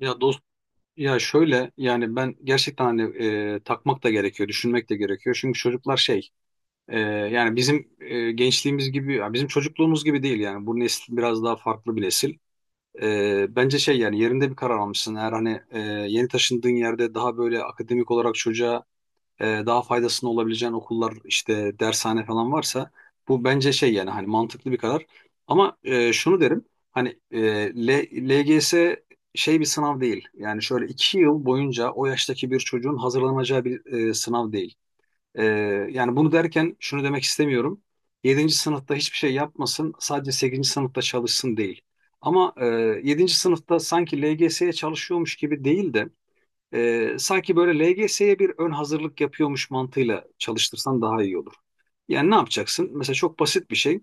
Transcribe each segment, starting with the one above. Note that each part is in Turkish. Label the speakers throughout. Speaker 1: Ya dost ya şöyle yani ben gerçekten hani takmak da gerekiyor, düşünmek de gerekiyor. Çünkü çocuklar yani bizim gençliğimiz gibi ya bizim çocukluğumuz gibi değil yani bu nesil biraz daha farklı bir nesil. Bence şey yani yerinde bir karar almışsın. Eğer hani yeni taşındığın yerde daha böyle akademik olarak çocuğa daha faydasının olabileceğin okullar işte dershane falan varsa bu bence şey yani hani mantıklı bir karar. Ama şunu derim hani LGS şey bir sınav değil. Yani şöyle iki yıl boyunca o yaştaki bir çocuğun hazırlanacağı bir sınav değil. E, Yani bunu derken şunu demek istemiyorum. Yedinci sınıfta hiçbir şey yapmasın, sadece 8. sınıfta çalışsın değil. Ama 7. sınıfta sanki LGS'ye çalışıyormuş gibi değil de sanki böyle LGS'ye bir ön hazırlık yapıyormuş mantığıyla çalıştırsan daha iyi olur. Yani ne yapacaksın? Mesela çok basit bir şey.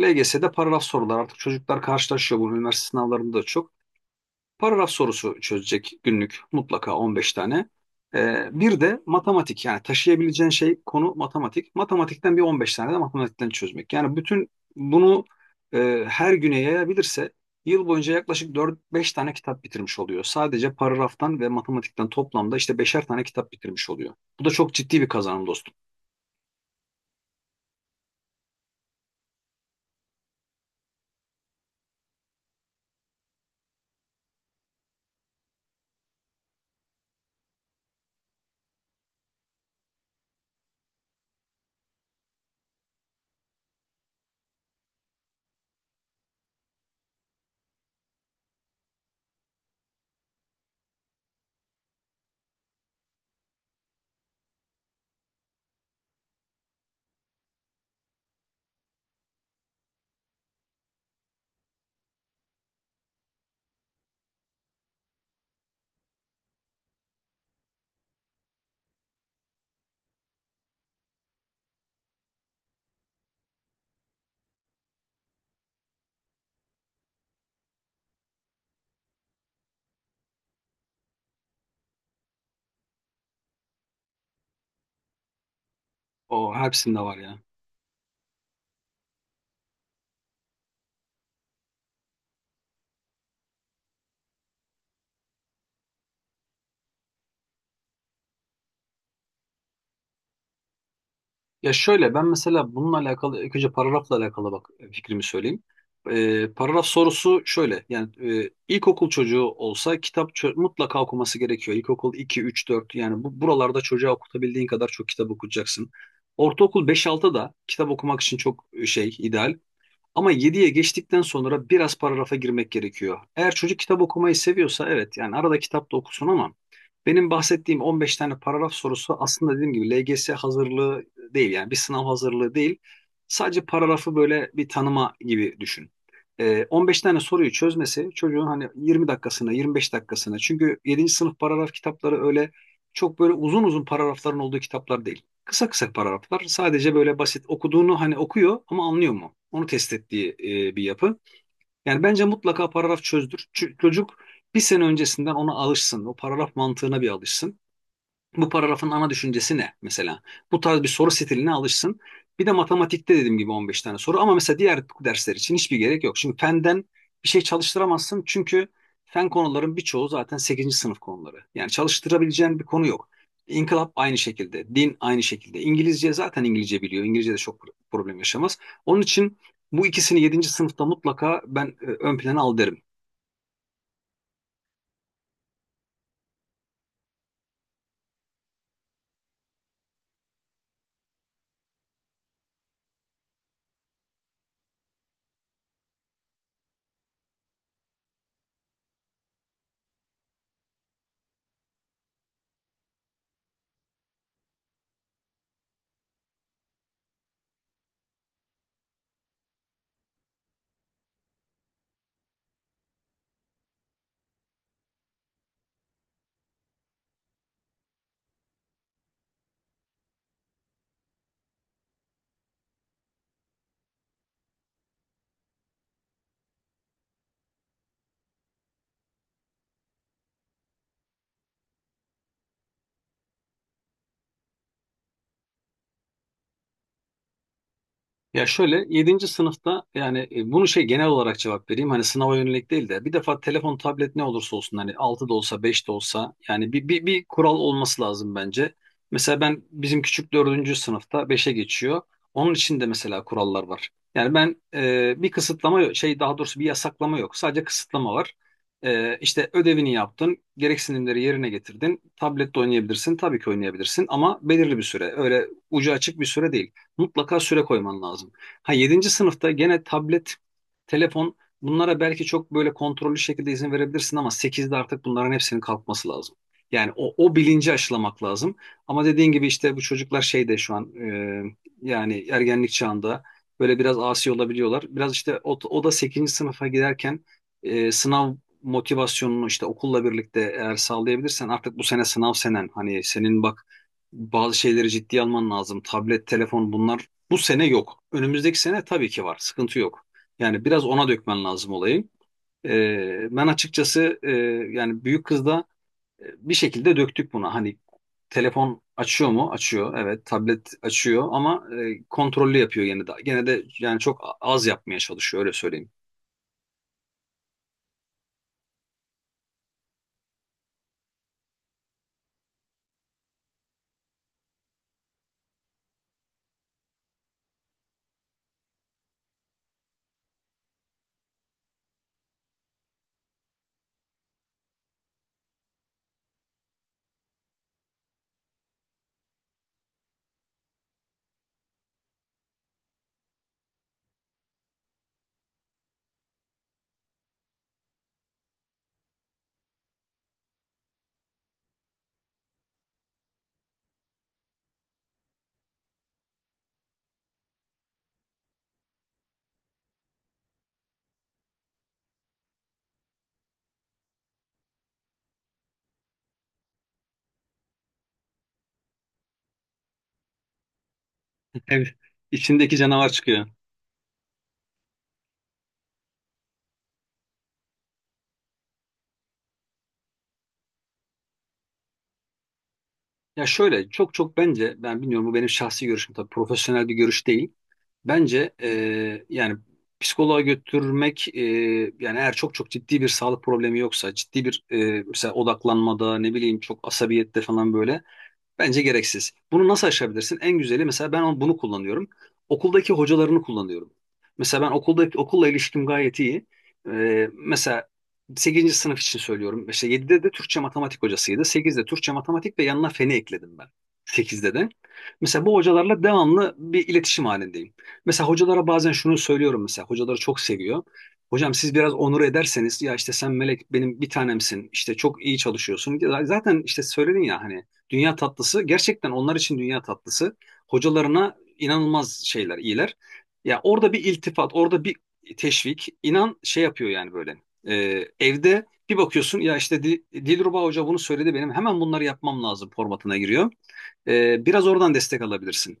Speaker 1: LGS'de paragraf sorular. Artık çocuklar karşılaşıyor. Bu üniversite sınavlarında da çok. Paragraf sorusu çözecek günlük mutlaka 15 tane. Bir de matematik, yani taşıyabileceğin şey konu matematik. Matematikten bir 15 tane de matematikten çözmek. Yani bütün bunu her güne yayabilirse yıl boyunca yaklaşık dört beş tane kitap bitirmiş oluyor. Sadece paragraftan ve matematikten toplamda işte beşer tane kitap bitirmiş oluyor. Bu da çok ciddi bir kazanım dostum. O hepsinde var ya. Ya şöyle, ben mesela bununla alakalı ilk önce paragrafla alakalı bak fikrimi söyleyeyim. Paragraf sorusu şöyle yani ilkokul çocuğu olsa kitap mutlaka okuması gerekiyor. İlkokul 2, 3, 4 yani buralarda çocuğa okutabildiğin kadar çok kitap okutacaksın. Ortaokul beş, 6 da kitap okumak için çok şey ideal. Ama yediye geçtikten sonra biraz paragrafa girmek gerekiyor. Eğer çocuk kitap okumayı seviyorsa evet, yani arada kitap da okusun ama benim bahsettiğim 15 tane paragraf sorusu aslında dediğim gibi LGS hazırlığı değil, yani bir sınav hazırlığı değil. Sadece paragrafı böyle bir tanıma gibi düşün. 15 tane soruyu çözmesi çocuğun hani 20 dakikasına 25 dakikasına, çünkü yedinci sınıf paragraf kitapları öyle çok böyle uzun uzun paragrafların olduğu kitaplar değil. Kısa kısa paragraflar. Sadece böyle basit okuduğunu hani okuyor ama anlıyor mu? Onu test ettiği bir yapı. Yani bence mutlaka paragraf çözdür. Çocuk bir sene öncesinden ona alışsın. O paragraf mantığına bir alışsın. Bu paragrafın ana düşüncesi ne mesela? Bu tarz bir soru stiline alışsın. Bir de matematikte dediğim gibi 15 tane soru, ama mesela diğer dersler için hiçbir gerek yok. Şimdi fenden bir şey çalıştıramazsın çünkü fen konuların birçoğu zaten sekizinci sınıf konuları. Yani çalıştırabileceğin bir konu yok. İnkılap aynı şekilde, din aynı şekilde. İngilizce zaten, İngilizce biliyor. İngilizce de çok problem yaşamaz. Onun için bu ikisini yedinci sınıfta mutlaka ben ön plana al derim. Ya şöyle, yedinci sınıfta yani bunu şey genel olarak cevap vereyim hani sınava yönelik değil de bir defa telefon tablet ne olursa olsun hani 6 da olsa 5 de olsa yani bir kural olması lazım bence. Mesela ben bizim küçük dördüncü sınıfta beşe geçiyor. Onun için de mesela kurallar var. Yani ben bir kısıtlama yok- şey, daha doğrusu bir yasaklama yok, sadece kısıtlama var. İşte ödevini yaptın, gereksinimleri yerine getirdin, tablette oynayabilirsin, tabii ki oynayabilirsin ama belirli bir süre, öyle ucu açık bir süre değil, mutlaka süre koyman lazım. Ha, yedinci sınıfta gene tablet, telefon, bunlara belki çok böyle kontrollü şekilde izin verebilirsin ama sekizde artık bunların hepsinin kalkması lazım. Yani o bilinci aşılamak lazım. Ama dediğin gibi işte bu çocuklar şeyde şu an yani ergenlik çağında böyle biraz asi olabiliyorlar. Biraz işte o da 8. sınıfa giderken sınav motivasyonunu işte okulla birlikte eğer sağlayabilirsen artık bu sene sınav senen, hani senin bak bazı şeyleri ciddiye alman lazım. Tablet, telefon, bunlar bu sene yok. Önümüzdeki sene tabii ki var. Sıkıntı yok. Yani biraz ona dökmen lazım olayı. Ben açıkçası yani büyük kızda bir şekilde döktük buna. Hani telefon açıyor mu? Açıyor. Evet. Tablet açıyor ama kontrollü yapıyor yine de. Gene de yani çok az yapmaya çalışıyor, öyle söyleyeyim. Evet. İçindeki canavar çıkıyor. Ya şöyle, çok çok bence, ben bilmiyorum, bu benim şahsi görüşüm tabii, profesyonel bir görüş değil. Bence yani psikoloğa götürmek yani eğer çok çok ciddi bir sağlık problemi yoksa, ciddi bir mesela odaklanmada ne bileyim, çok asabiyette falan böyle, bence gereksiz. Bunu nasıl aşabilirsin? En güzeli, mesela ben bunu kullanıyorum. Okuldaki hocalarını kullanıyorum. Mesela ben okulla ilişkim gayet iyi. Mesela sekizinci sınıf için söylüyorum. İşte yedide de Türkçe matematik hocasıydı. Sekizde Türkçe matematik ve yanına feni ekledim ben. 8'de de. Mesela bu hocalarla devamlı bir iletişim halindeyim. Mesela hocalara bazen şunu söylüyorum mesela. Hocaları çok seviyor. "Hocam, siz biraz onur ederseniz ya, işte sen melek, benim bir tanemsin, işte çok iyi çalışıyorsun." Zaten işte söyledin ya hani dünya tatlısı, gerçekten onlar için dünya tatlısı. Hocalarına inanılmaz şeyler, iyiler. Ya orada bir iltifat, orada bir teşvik inan şey yapıyor yani böyle. Evde bir bakıyorsun ya, işte Dilruba Hoca bunu söyledi, benim hemen bunları yapmam lazım formatına giriyor. Biraz oradan destek alabilirsin.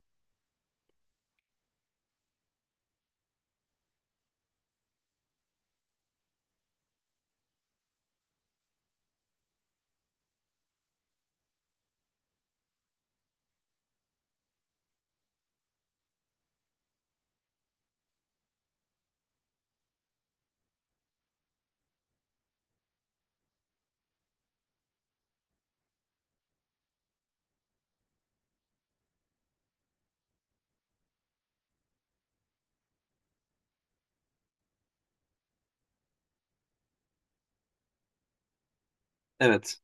Speaker 1: Evet.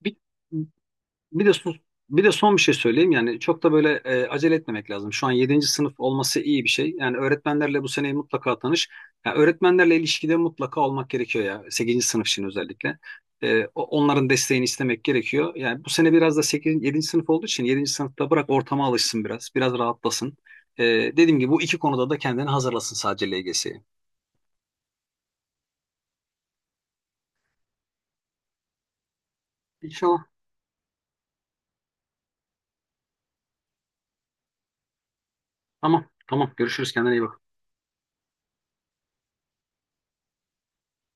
Speaker 1: Bir, Bir de son, bir de son bir şey söyleyeyim, yani çok da böyle acele etmemek lazım. Şu an yedinci sınıf olması iyi bir şey. Yani öğretmenlerle bu seneyi mutlaka tanış. Yani öğretmenlerle ilişkide mutlaka olmak gerekiyor ya, sekizinci sınıf için özellikle. Onların desteğini istemek gerekiyor. Yani bu sene biraz da yedinci sınıf olduğu için yedinci sınıfta bırak ortama alışsın biraz, biraz rahatlasın. Dediğim gibi bu iki konuda da kendini hazırlasın sadece LGS'ye. İnşallah. Tamam, tamam. Görüşürüz. Kendine iyi bak.